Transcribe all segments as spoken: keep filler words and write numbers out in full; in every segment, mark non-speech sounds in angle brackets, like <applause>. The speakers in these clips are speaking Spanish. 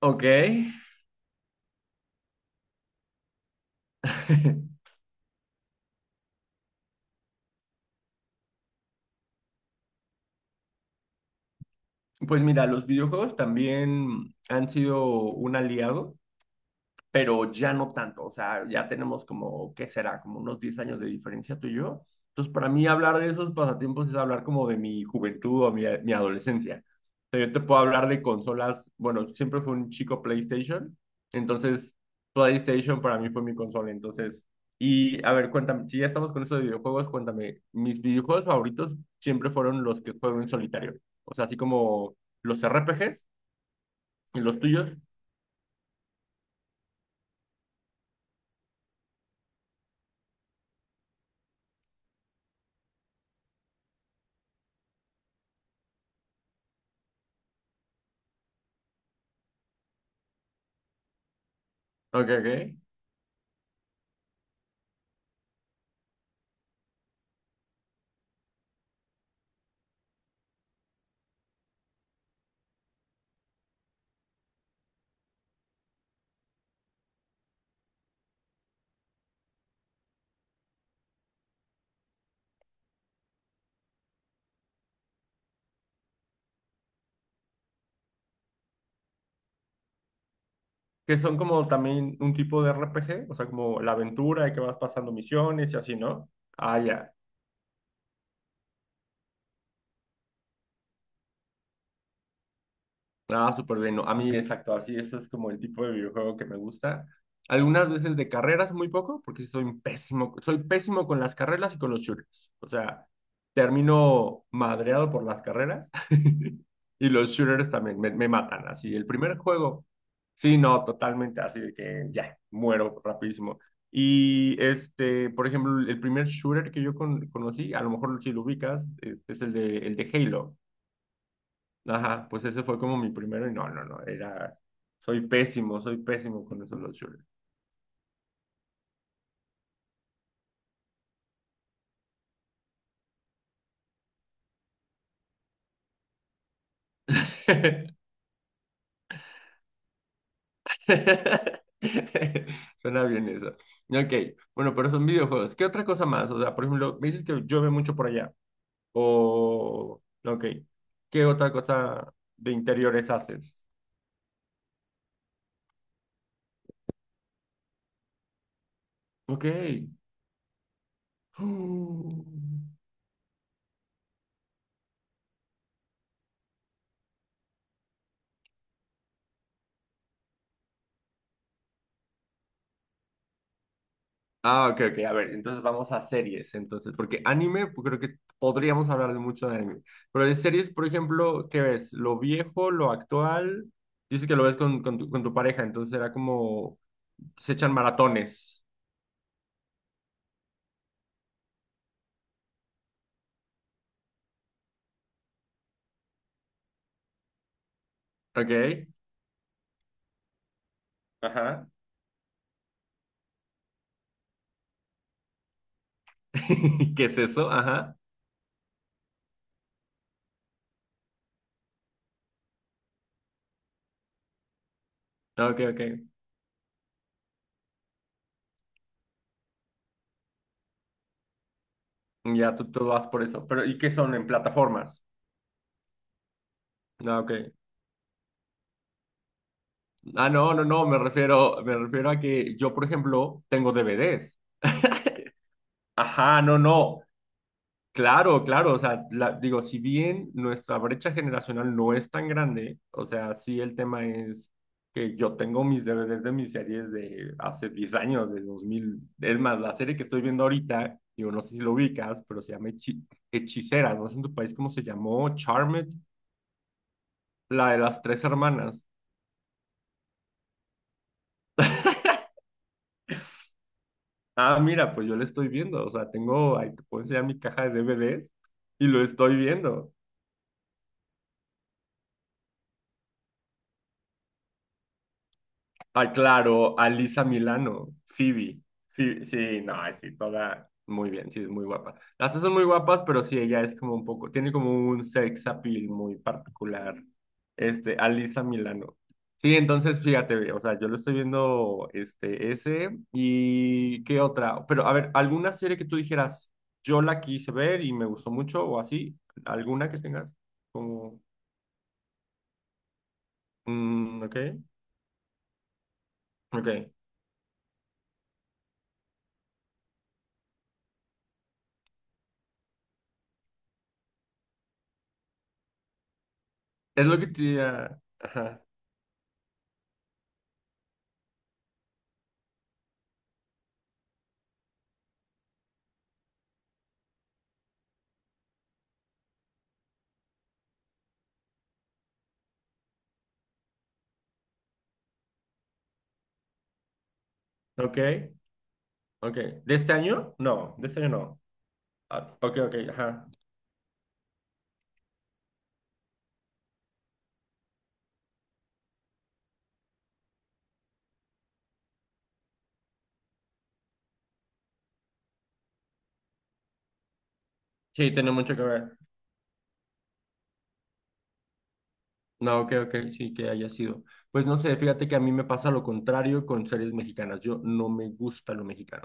Ok. <laughs> Pues mira, los videojuegos también han sido un aliado pero ya no tanto, o sea, ya tenemos como, ¿qué será? Como unos diez años de diferencia tú y yo. Entonces, para mí hablar de esos pasatiempos es hablar como de mi juventud o mi, mi adolescencia. O sea, yo te puedo hablar de consolas, bueno, siempre fue un chico PlayStation, entonces PlayStation para mí fue mi consola, entonces, y a ver, cuéntame, si ya estamos con eso de videojuegos, cuéntame, mis videojuegos favoritos siempre fueron los que juego en solitario, o sea, así como los R P Gs y los tuyos. Ok, ok. Que son como también un tipo de R P G, o sea, como la aventura y que vas pasando misiones y así, ¿no? Ah, ya. Ah, súper bien. ¿No? A mí, exacto, así, ese es como el tipo de videojuego que me gusta. Algunas veces de carreras, muy poco, porque sí soy un pésimo, soy pésimo con las carreras y con los shooters. O sea, termino madreado por las carreras <laughs> y los shooters también me, me matan. Así, el primer juego, sí, no, totalmente, así de que ya, muero rapidísimo. Y este, por ejemplo, el primer shooter que yo con- conocí, a lo mejor si lo ubicas, es, es el de, el de Halo. Ajá, pues ese fue como mi primero y no, no, no, era, soy pésimo, soy pésimo con esos los shooters. <laughs> Suena bien eso. Ok, bueno, pero son videojuegos. ¿Qué otra cosa más? O sea, por ejemplo, me dices que llueve mucho por allá. O, ok, ¿qué otra cosa de interiores haces? Ok. <gasps> Ah, ok, ok. A ver, entonces vamos a series, entonces, porque anime, pues, creo que podríamos hablar de mucho de anime. Pero de series, por ejemplo, ¿qué ves? ¿Lo viejo, lo actual? Dice que lo ves con, con tu, con tu pareja, entonces era como, se echan maratones, ¿ok? Ajá. <laughs> ¿Qué es eso? Ajá. Ok, ok. Ya tú, tú vas por eso. Pero, ¿y qué son en plataformas? Ah, ok. Ah, no, no, no, me refiero, me refiero a que yo, por ejemplo, tengo D V Ds. <laughs> Ajá, no, no. Claro, claro, o sea, la- digo, si bien nuestra brecha generacional no es tan grande, o sea, sí el tema es que yo tengo mis D V Ds de mis series de hace diez años, de dos mil, es más, la serie que estoy viendo ahorita, digo, no sé si lo ubicas, pero se llama Hechi- Hechiceras, no sé en tu país cómo se llamó, Charmed, la de las tres hermanas. Ah, mira, pues yo la estoy viendo, o sea, tengo, ahí te puedo enseñar mi caja de D V Ds y lo estoy viendo. Ah, claro, a Lisa Milano, Phoebe. Phoebe, sí, no, ay, sí, toda muy bien, sí, es muy guapa. Las dos son muy guapas, pero sí, ella es como un poco, tiene como un sex appeal muy particular, este, a Lisa Milano. Sí, entonces fíjate, o sea, yo lo estoy viendo, este, ese, y qué otra, pero a ver, alguna serie que tú dijeras, yo la quise ver y me gustó mucho, o así, alguna que tengas, como, mm, ok, ok, es lo que te, ah, ajá, ok. Ok. ¿De este año? No, de este año no. Ah, ok, ok, ajá. Sí, tiene mucho que ver. No, ok, ok, sí que haya sido. Pues no sé, fíjate que a mí me pasa lo contrario con series mexicanas. Yo no me gusta lo mexicano.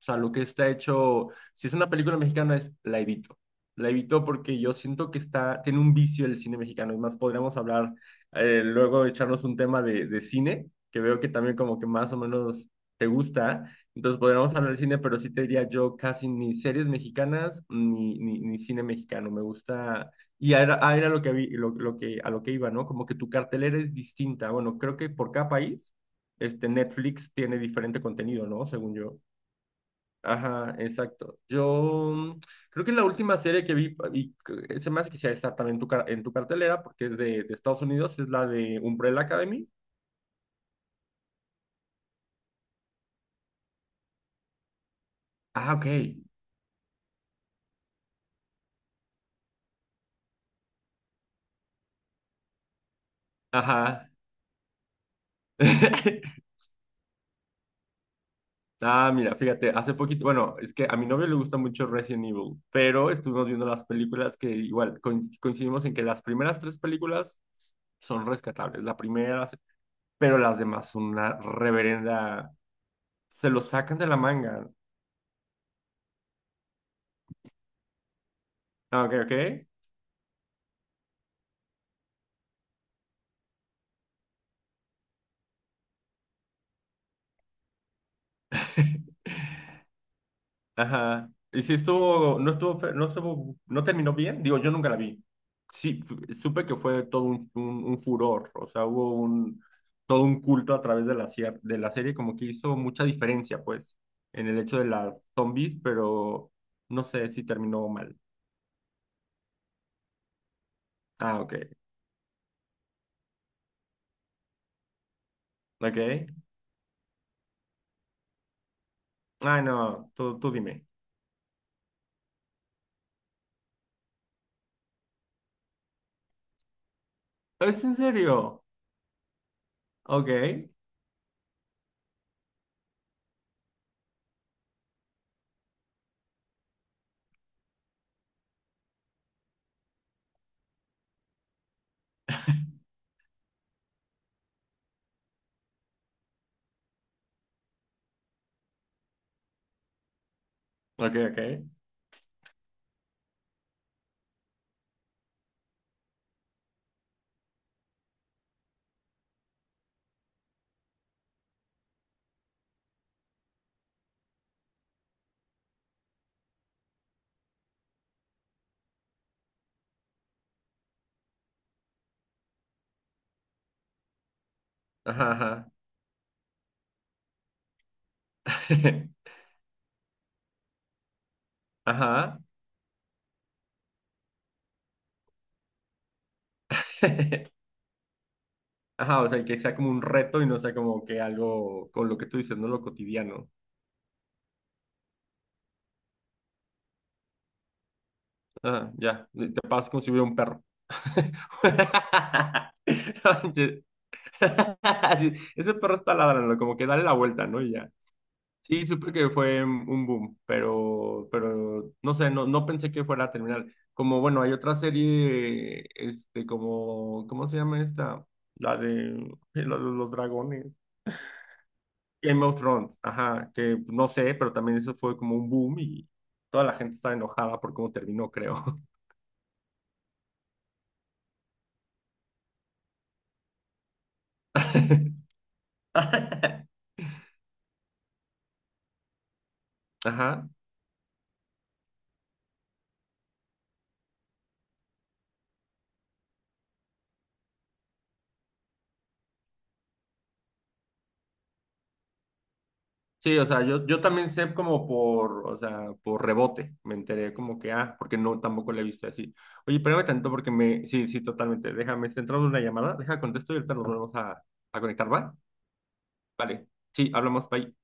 O sea, lo que está hecho, si es una película mexicana, es la evito. La evito porque yo siento que está, tiene un vicio el cine mexicano. Es más, podríamos hablar, eh, luego echarnos un tema de, de cine, que veo que también como que más o menos te gusta. Entonces podríamos hablar de cine, pero sí te diría yo casi ni series mexicanas ni, ni, ni cine mexicano. Me gusta y a- era, a- era lo que, vi- lo, lo que, a lo que iba, ¿no? Como que tu cartelera es distinta. Bueno, creo que por cada país, este, Netflix tiene diferente contenido, ¿no? Según yo. Ajá, exacto. Yo, mm, creo que la última serie que vi, y que- se me hace que sea está también en tu, car- en tu cartelera, porque es de, de Estados Unidos, es la de Umbrella Academy. Ah, ok. Ajá. <laughs> Ah, mira, fíjate, hace poquito, bueno, es que a mi novio le gusta mucho Resident Evil, pero estuvimos viendo las películas que igual coinc- coincidimos en que las primeras tres películas son rescatables, la primera, la se- pero las demás son una reverenda, se lo sacan de la manga. Ah, ok, ok. <laughs> Ajá. Y si estuvo, no estuvo, fe- no estuvo, no terminó bien, digo, yo nunca la vi. Sí, fu- supe que fue todo un, un, un furor, o sea, hubo un, todo un culto a través de la, cier- de la serie, como que hizo mucha diferencia, pues, en el hecho de las zombies, pero no sé si terminó mal. Ah, ok, ok. Ay, no, tú, tú dime. ¿Es en serio? Ok, ok, ok. Ajá, ajá. <laughs> Ajá. <laughs> Ajá, o sea, que sea como un reto y no sea como que algo con lo que tú dices, no lo cotidiano. Ah, ya, te pasas como si hubiera un perro. <laughs> No manches. <laughs> Sí, ese perro está ladrando, como que dale la vuelta, ¿no? Y ya. Sí, supe que fue un boom, pero, pero no sé, no, no pensé que fuera a terminar. Como, bueno, hay otra serie, este, como, ¿cómo se llama esta? La de <laughs> la de los dragones. Game of Thrones, ajá, que no sé, pero también eso fue como un boom y toda la gente estaba enojada por cómo terminó, creo. <laughs> Ajá. Sí, o sea, yo, yo también sé como por, o sea, por rebote, me enteré como que, ah, porque no, tampoco la he visto así. Oye, espérame tanto porque me, sí, sí, totalmente, déjame, está entrando una llamada, deja contesto y ahorita nos volvemos a, a conectar, ¿va? Vale, sí, hablamos, bye.